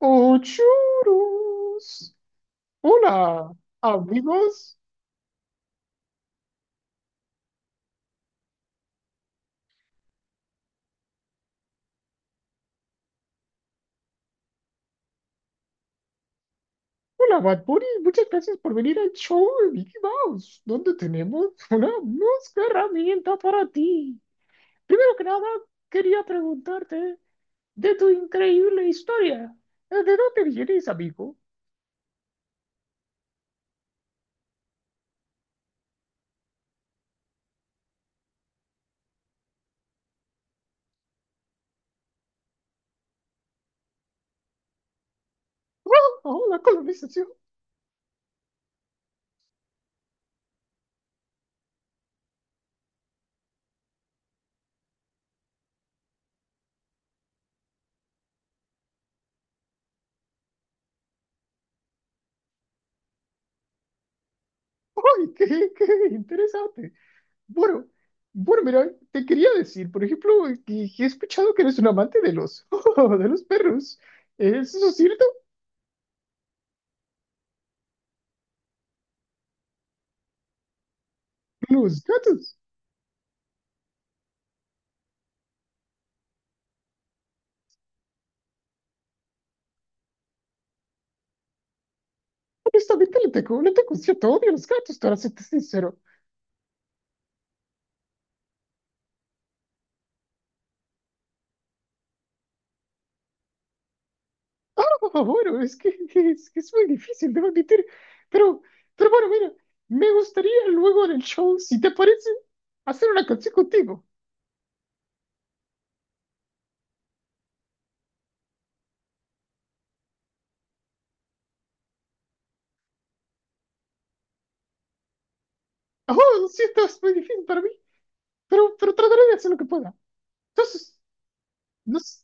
¡Ochurus! Hola, amigos. Hola, Bad Bunny. Muchas gracias por venir al show de Mickey Mouse, donde tenemos una música herramienta para ti. Primero que nada, quería preguntarte de tu increíble historia. ¿De dónde vienes, amigo? ¡Wow! ¡Oh, la colonización! ¡Ay, qué interesante! Bueno, bueno, mira, te quería decir, por ejemplo, que he escuchado que eres un amante de los, de los perros. ¿Es eso cierto? Los gatos. Honestamente, le tengo un cierto odio a los gatos, para serte sincero. Ah, bueno, que es muy difícil, debo admitir. Pero, pero bueno, mira, me gustaría luego en el show, si te parece, hacer una canción contigo. Oh, lo siento, es muy difícil para mí, pero trataré de hacer lo que pueda. Entonces, no sé.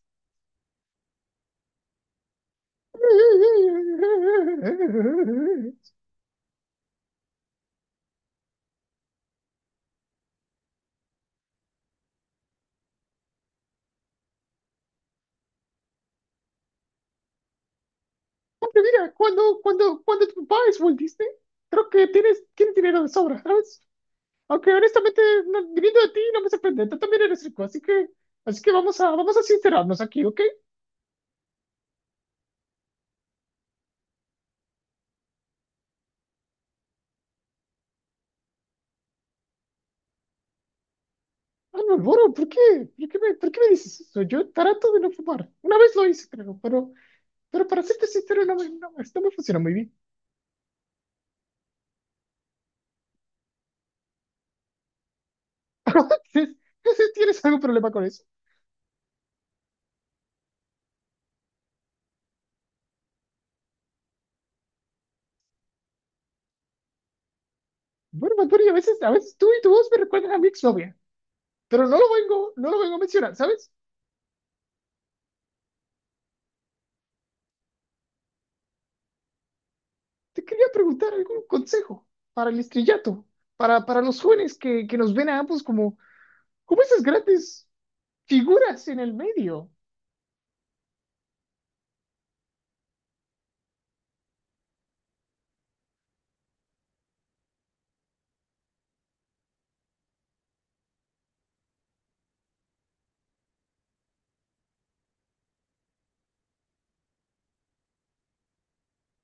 Porque mira, cuando tu papá es Walt Disney, creo que tienes dinero de sobra, ¿sabes? Aunque honestamente, viniendo de ti, no me sorprende, tú también eres rico, así que vamos a, vamos a sincerarnos aquí, ¿ok? Ah, no, Boro, ¿por qué? ¿Por qué me dices eso? Yo trato de no fumar. Una vez lo hice, creo, pero para serte sincero, no, esto me funciona muy bien. Entonces, ¿tienes algún problema con eso? Bueno, Bad Bunny, a veces tú y tu voz me recuerdan a mi exnovia. Pero no lo vengo a mencionar, ¿sabes? Te quería preguntar algún consejo para el estrellato, para los jóvenes que nos ven a ambos como, como esas grandes figuras en el medio.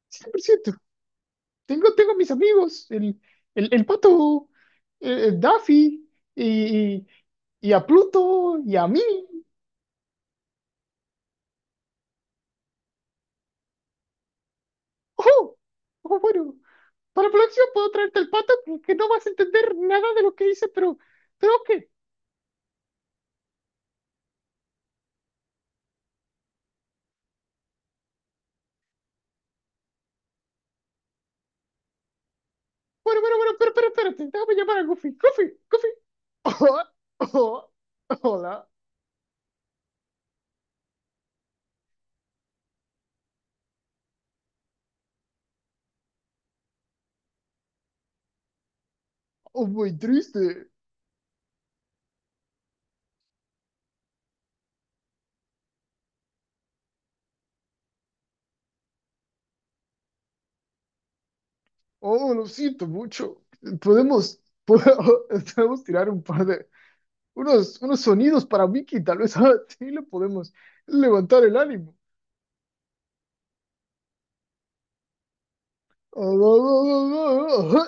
Cien por ciento. Tengo mis amigos, el pato, el Daffy, y, y a Pluto, y a mí. ¡Oh! Oh, bueno, para la próxima puedo traerte el pato que no vas a entender nada de lo que hice, pero ok. Bueno, pero espérate, déjame llamar a Goofy. Goofy, Goofy. Hola, oh, muy triste. Oh, lo siento mucho. Podemos, po- podemos tirar un par de, unos, unos sonidos para Mickey, tal vez así le podemos levantar el ánimo. Hola,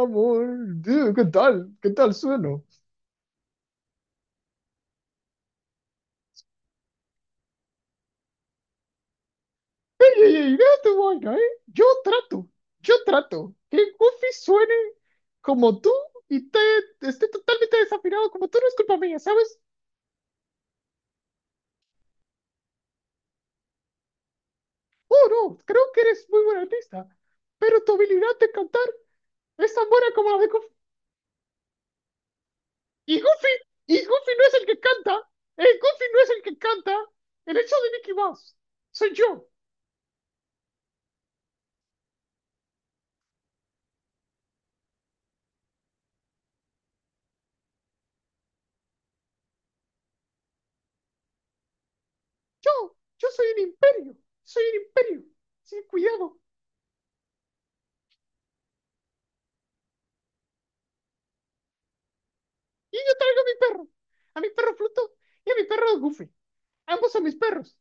amor. Dude, ¿qué tal? ¿Qué tal suena? Ey, ey, deja tu vaina, ¿eh? Yo trato que Goofy suene como tú y te, esté totalmente desafinado como tú, no es culpa mía, ¿sabes? Oh, no, creo que eres muy buen artista, pero tu habilidad de cantar es tan buena como la de Goofy. Y Goofy, y Goofy no es el que canta, el Goofy no es el que canta, el hecho de Mickey Mouse, soy yo, yo, soy un imperio, sin cuidado, y yo traigo a mi perro Pluto y a mi perro Goofy. Ambos son mis perros.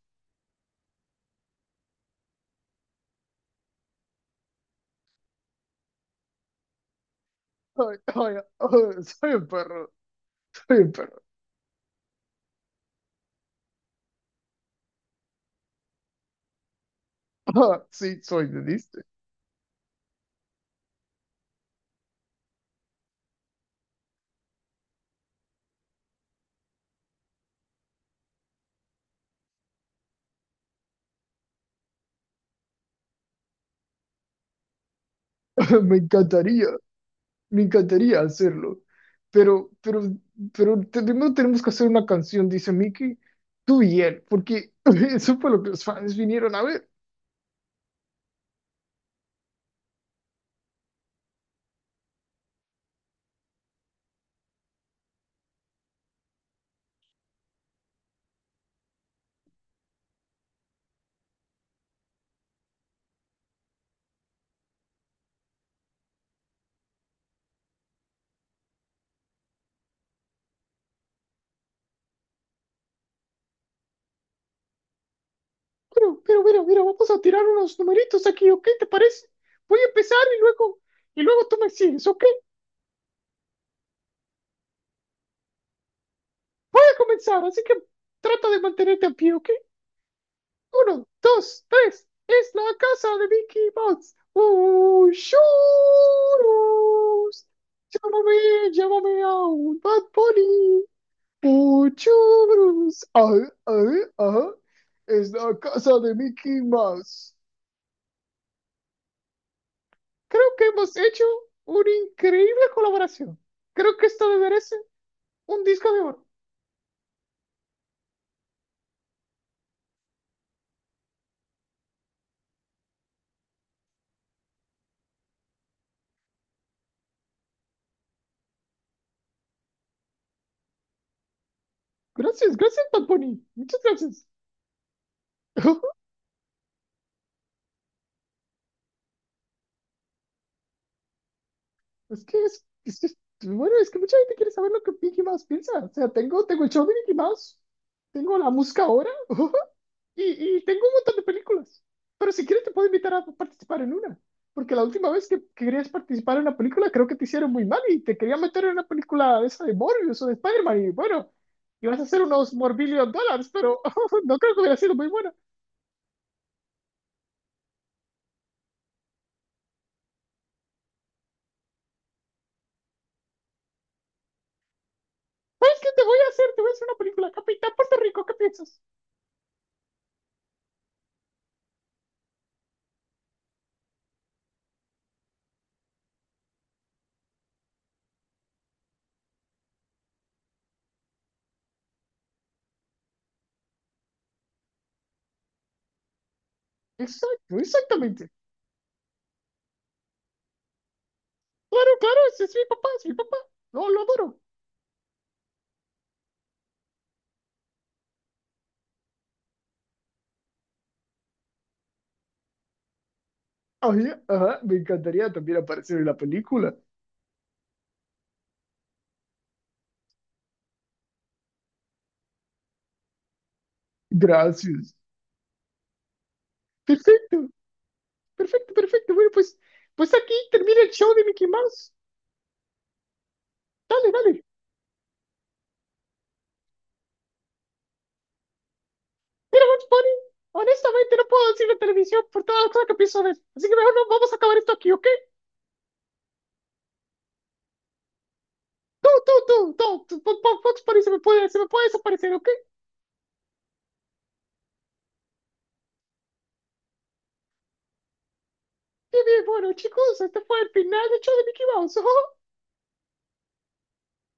Ay, ay, ay, soy un perro, soy un perro. Ah, sí, soy de Disney. Me encantaría, me encantaría hacerlo. Pero, pero, Primero tenemos que hacer una canción, dice Mickey. Tú y él, porque eso fue lo que los fans vinieron a ver. Mira, mira, vamos a tirar unos numeritos aquí, ¿ok? ¿Te parece? Voy a empezar y luego tú me sigues, ¿ok? Voy a comenzar, así que trata de mantenerte a pie, ¿ok? Uno, dos, tres. Es la casa de Mickey Mouse. ¡Oh, churros! Llámame, llámame a un Bad Bunny. ¡Oh, churros! ¡Ay, ay, ay! Es la casa de Mickey Mouse. Creo que hemos hecho una increíble colaboración. Creo que esto me merece un disco de oro. Gracias, gracias, Bad Bunny. Muchas gracias. Es que, pues, bueno, es que mucha gente quiere saber lo que Mickey Mouse piensa. O sea, tengo, tengo el show de Mickey Mouse, tengo la música ahora y, y tengo un montón de películas. Pero si quieres te puedo invitar a participar en una. Porque la última vez que querías participar en una película creo que te hicieron muy mal y te querían meter en una película de esa de Morbius o de Spider-Man y bueno, ibas a hacer unos morbillion dólares, pero no creo que hubiera sido muy buena. ¿Sabes qué te voy a hacer? Te voy a hacer una película, Capitán Puerto Rico, ¿qué piensas? Exacto, exactamente. Claro, claro, ese es mi papá, es mi papá. No, lo adoro. Oye, ajá, me encantaría también aparecer en la película. Gracias. Perfecto, perfecto, perfecto. Bueno, pues, pues aquí termina el show de Mickey Mouse. Dale, dale. Bugs Bunny, honestamente no puedo decir la televisión por todas las cosas que pienso ver. Así que mejor no, vamos a acabar esto aquí, ¿ok? Tú, Bugs Bunny se me puede desaparecer, ¿ok? Bien, bien, bueno, chicos, este fue el final del show de Mickey Mouse.